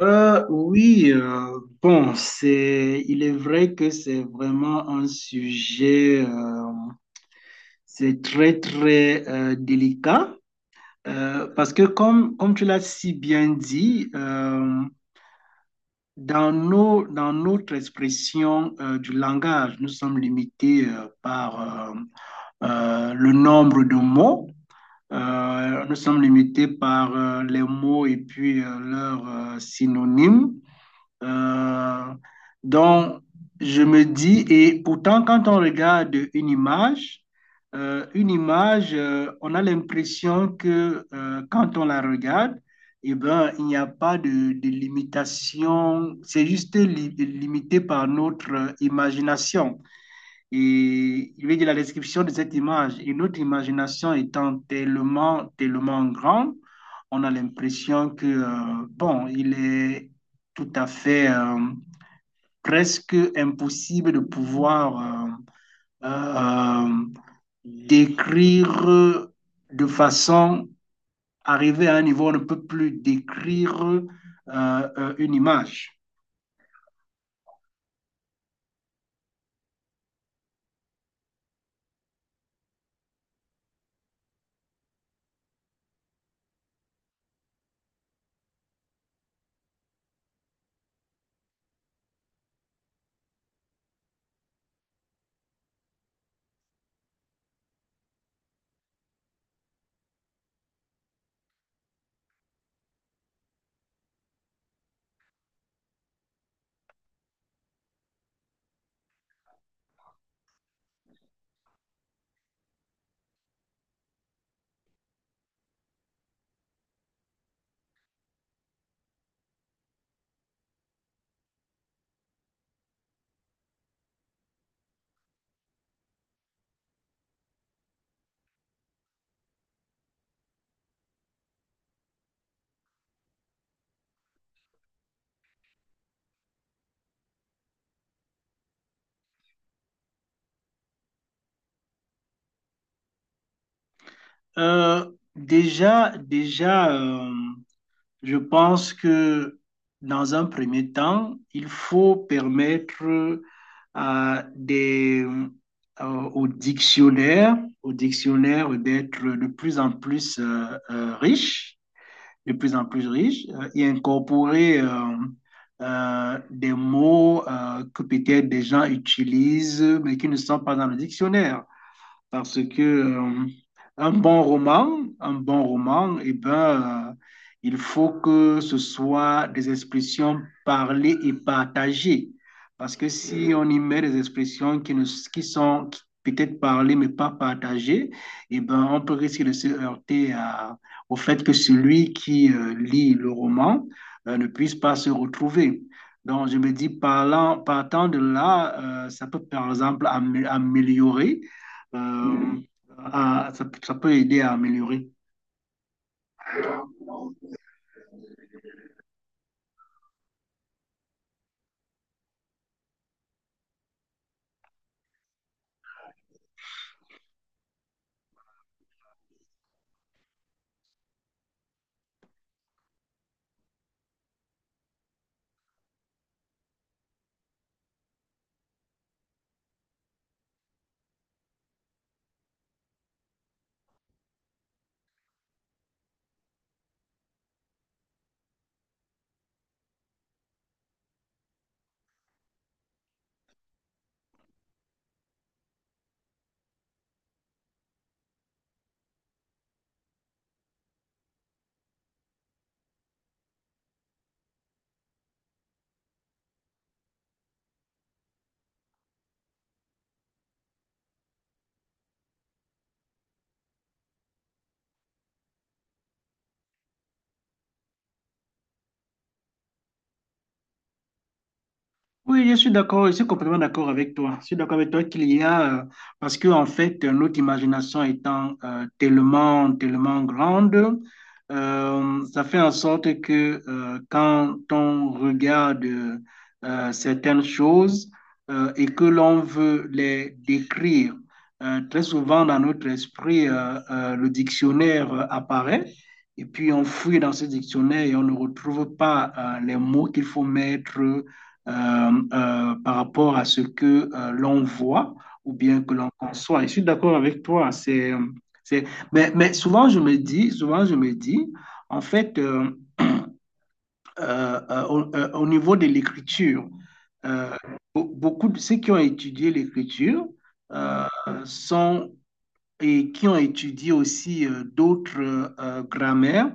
Oui, il est vrai que c'est vraiment un sujet, c'est très, très, délicat, parce que comme tu l'as si bien dit, dans dans notre expression du langage, nous sommes limités par le nombre de mots. Nous sommes limités par les mots et puis leurs synonymes. Euh, donc, je me dis, et pourtant, quand on regarde une image, on a l'impression que quand on la regarde, eh ben, il n'y a pas de limitation, c'est juste limité par notre imagination. Et il veut dire la description de cette image. Et notre imagination étant tellement, tellement grande, on a l'impression que, bon, il est tout à fait, presque impossible de pouvoir euh, euh, décrire de façon, arriver à un niveau où on ne peut plus décrire une image. Euh, déjà, Je pense que dans un premier temps, il faut permettre à euh, au dictionnaire, au dictionnaire d'être de plus en plus riche, de plus en plus riches, et incorporer des mots que peut-être des gens utilisent, mais qui ne sont pas dans le dictionnaire. Parce que, un bon roman, eh ben, il faut que ce soit des expressions parlées et partagées. Parce que si on y met des expressions qui, ne, qui sont qui peut-être parlées mais pas partagées, eh ben, on peut risquer de se heurter à- au fait que celui qui lit le roman ne puisse pas se retrouver. Donc, je me dis, parlant, partant de là, ça peut par exemple améliorer euh, ça, ça peut aider à améliorer. Oui, je suis d'accord, je suis complètement d'accord avec toi. Je suis d'accord avec toi qu'il y a, parce que en fait, notre imagination étant tellement, tellement grande, ça fait en sorte que quand on regarde certaines choses et que l'on veut les décrire, très souvent dans notre esprit, le dictionnaire apparaît. Et puis on fouille dans ce dictionnaire et on ne retrouve pas les mots qu'il faut mettre, euh, par rapport à ce que l'on voit ou bien que l'on conçoit. Et je suis d'accord avec toi. C'est... Mais souvent, je me dis, souvent, je me dis, en fait, au niveau de l'écriture, euh, beaucoup de ceux qui ont étudié l'écriture euh, sont et qui ont étudié aussi d'autres grammaires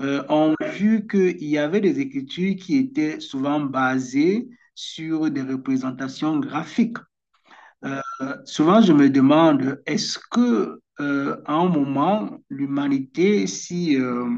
ont vu qu'il y avait des écritures qui étaient souvent basées sur des représentations graphiques. Euh, Souvent, je me demande, est-ce que, à un moment, l'humanité, si, euh,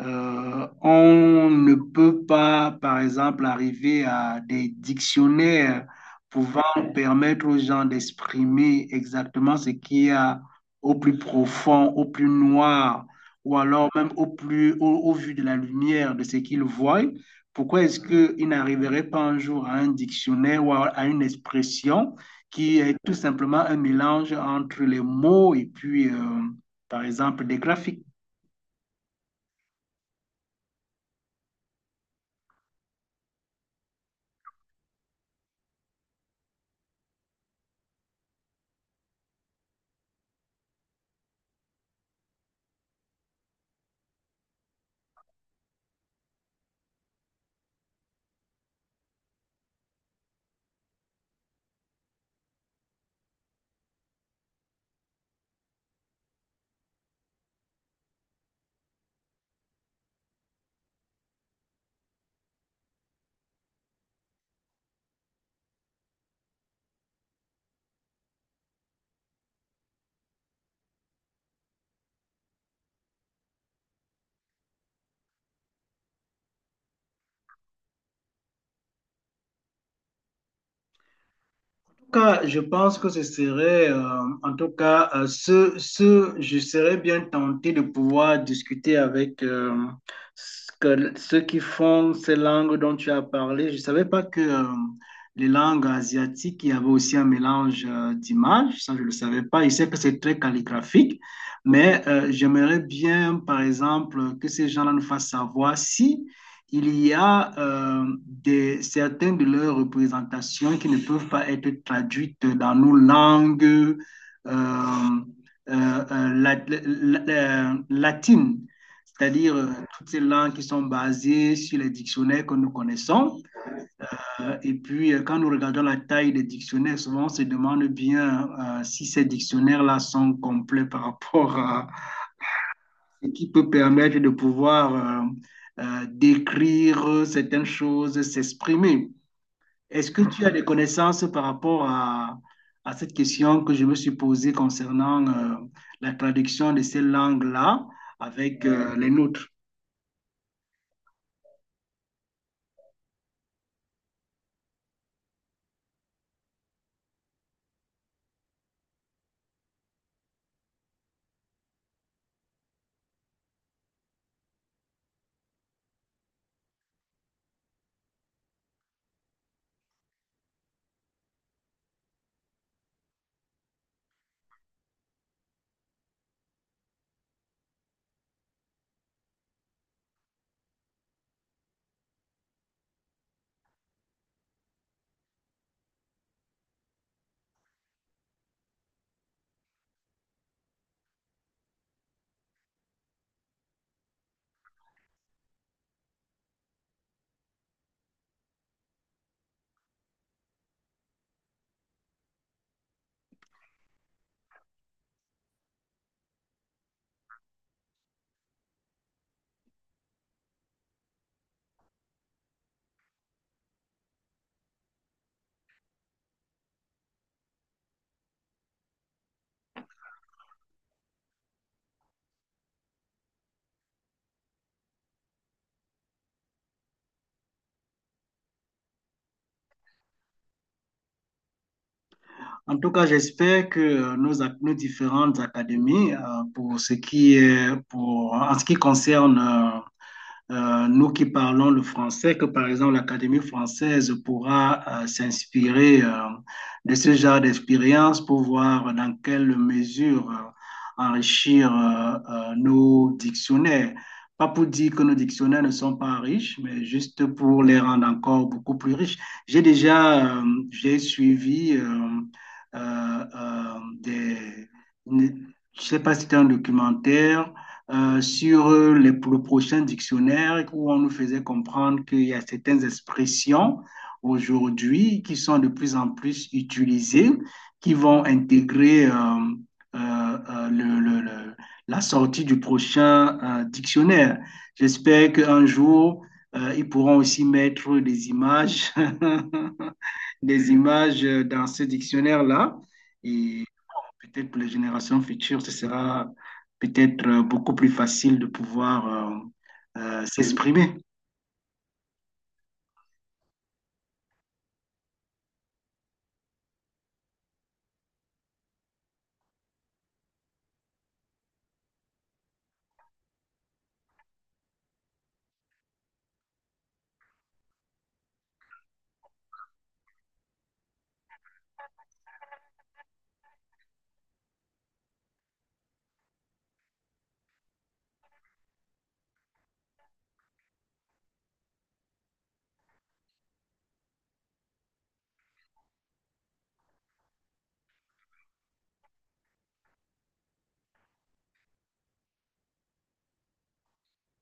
euh, on ne peut pas, par exemple, arriver à des dictionnaires pouvant permettre aux gens d'exprimer exactement ce qu'il y a au plus profond, au plus noir, ou alors même au plus, au, au vu de la lumière de ce qu'ils voient. Pourquoi est-ce qu'ils n'arriveraient pas un jour à un dictionnaire ou à une expression qui est tout simplement un mélange entre les mots et puis, par exemple, des graphiques? Cas, je pense que ce serait, en tout cas, ce, je serais bien tenté de pouvoir discuter avec ceux qui font ces langues dont tu as parlé. Je ne savais pas que les langues asiatiques, il y avait aussi un mélange d'images. Ça, je ne le savais pas. Je sais que c'est très calligraphique, mais j'aimerais bien, par exemple, que ces gens-là nous fassent savoir si il y a certaines de leurs représentations qui ne peuvent pas être traduites dans nos langues euh, euh, la- latines, c'est-à-dire toutes ces langues qui sont basées sur les dictionnaires que nous connaissons. Et puis, quand nous regardons la taille des dictionnaires, souvent on se demande bien si ces dictionnaires-là sont complets par rapport à et qui peut permettre de pouvoir décrire certaines choses, s'exprimer. Est-ce que tu as des connaissances par rapport à cette question que je me suis posée concernant la traduction de ces langues-là avec les nôtres? En tout cas, j'espère que nos différentes académies, pour ce qui est, pour, en ce qui concerne nous qui parlons le français, que par exemple l'Académie française pourra s'inspirer de ce genre d'expérience pour voir dans quelle mesure enrichir nos dictionnaires. Pas pour dire que nos dictionnaires ne sont pas riches, mais juste pour les rendre encore beaucoup plus riches. J'ai déjà j'ai suivi des... Je ne sais pas si c'était un documentaire sur le prochain dictionnaire où on nous faisait comprendre qu'il y a certaines expressions aujourd'hui qui sont de plus en plus utilisées, qui vont intégrer euh, euh, le- le- le- la sortie du prochain dictionnaire. J'espère qu'un jour, ils pourront aussi mettre des images, des images dans ce dictionnaire-là. Et Peut-être pour les générations futures, ce sera peut-être beaucoup plus facile de pouvoir s'exprimer.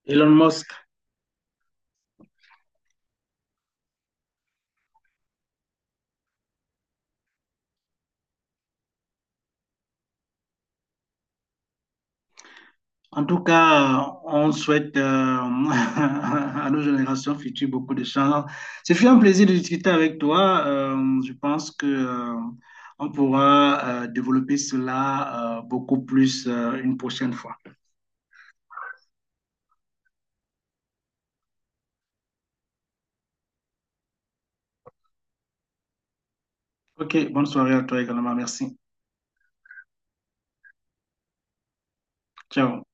Elon Musk. En tout cas, on souhaite à nos générations futures beaucoup de chance. Ce fut un plaisir de discuter avec toi. Je pense que on pourra développer cela beaucoup plus une prochaine fois. Ok, bonne soirée à toi également. Merci. Ciao.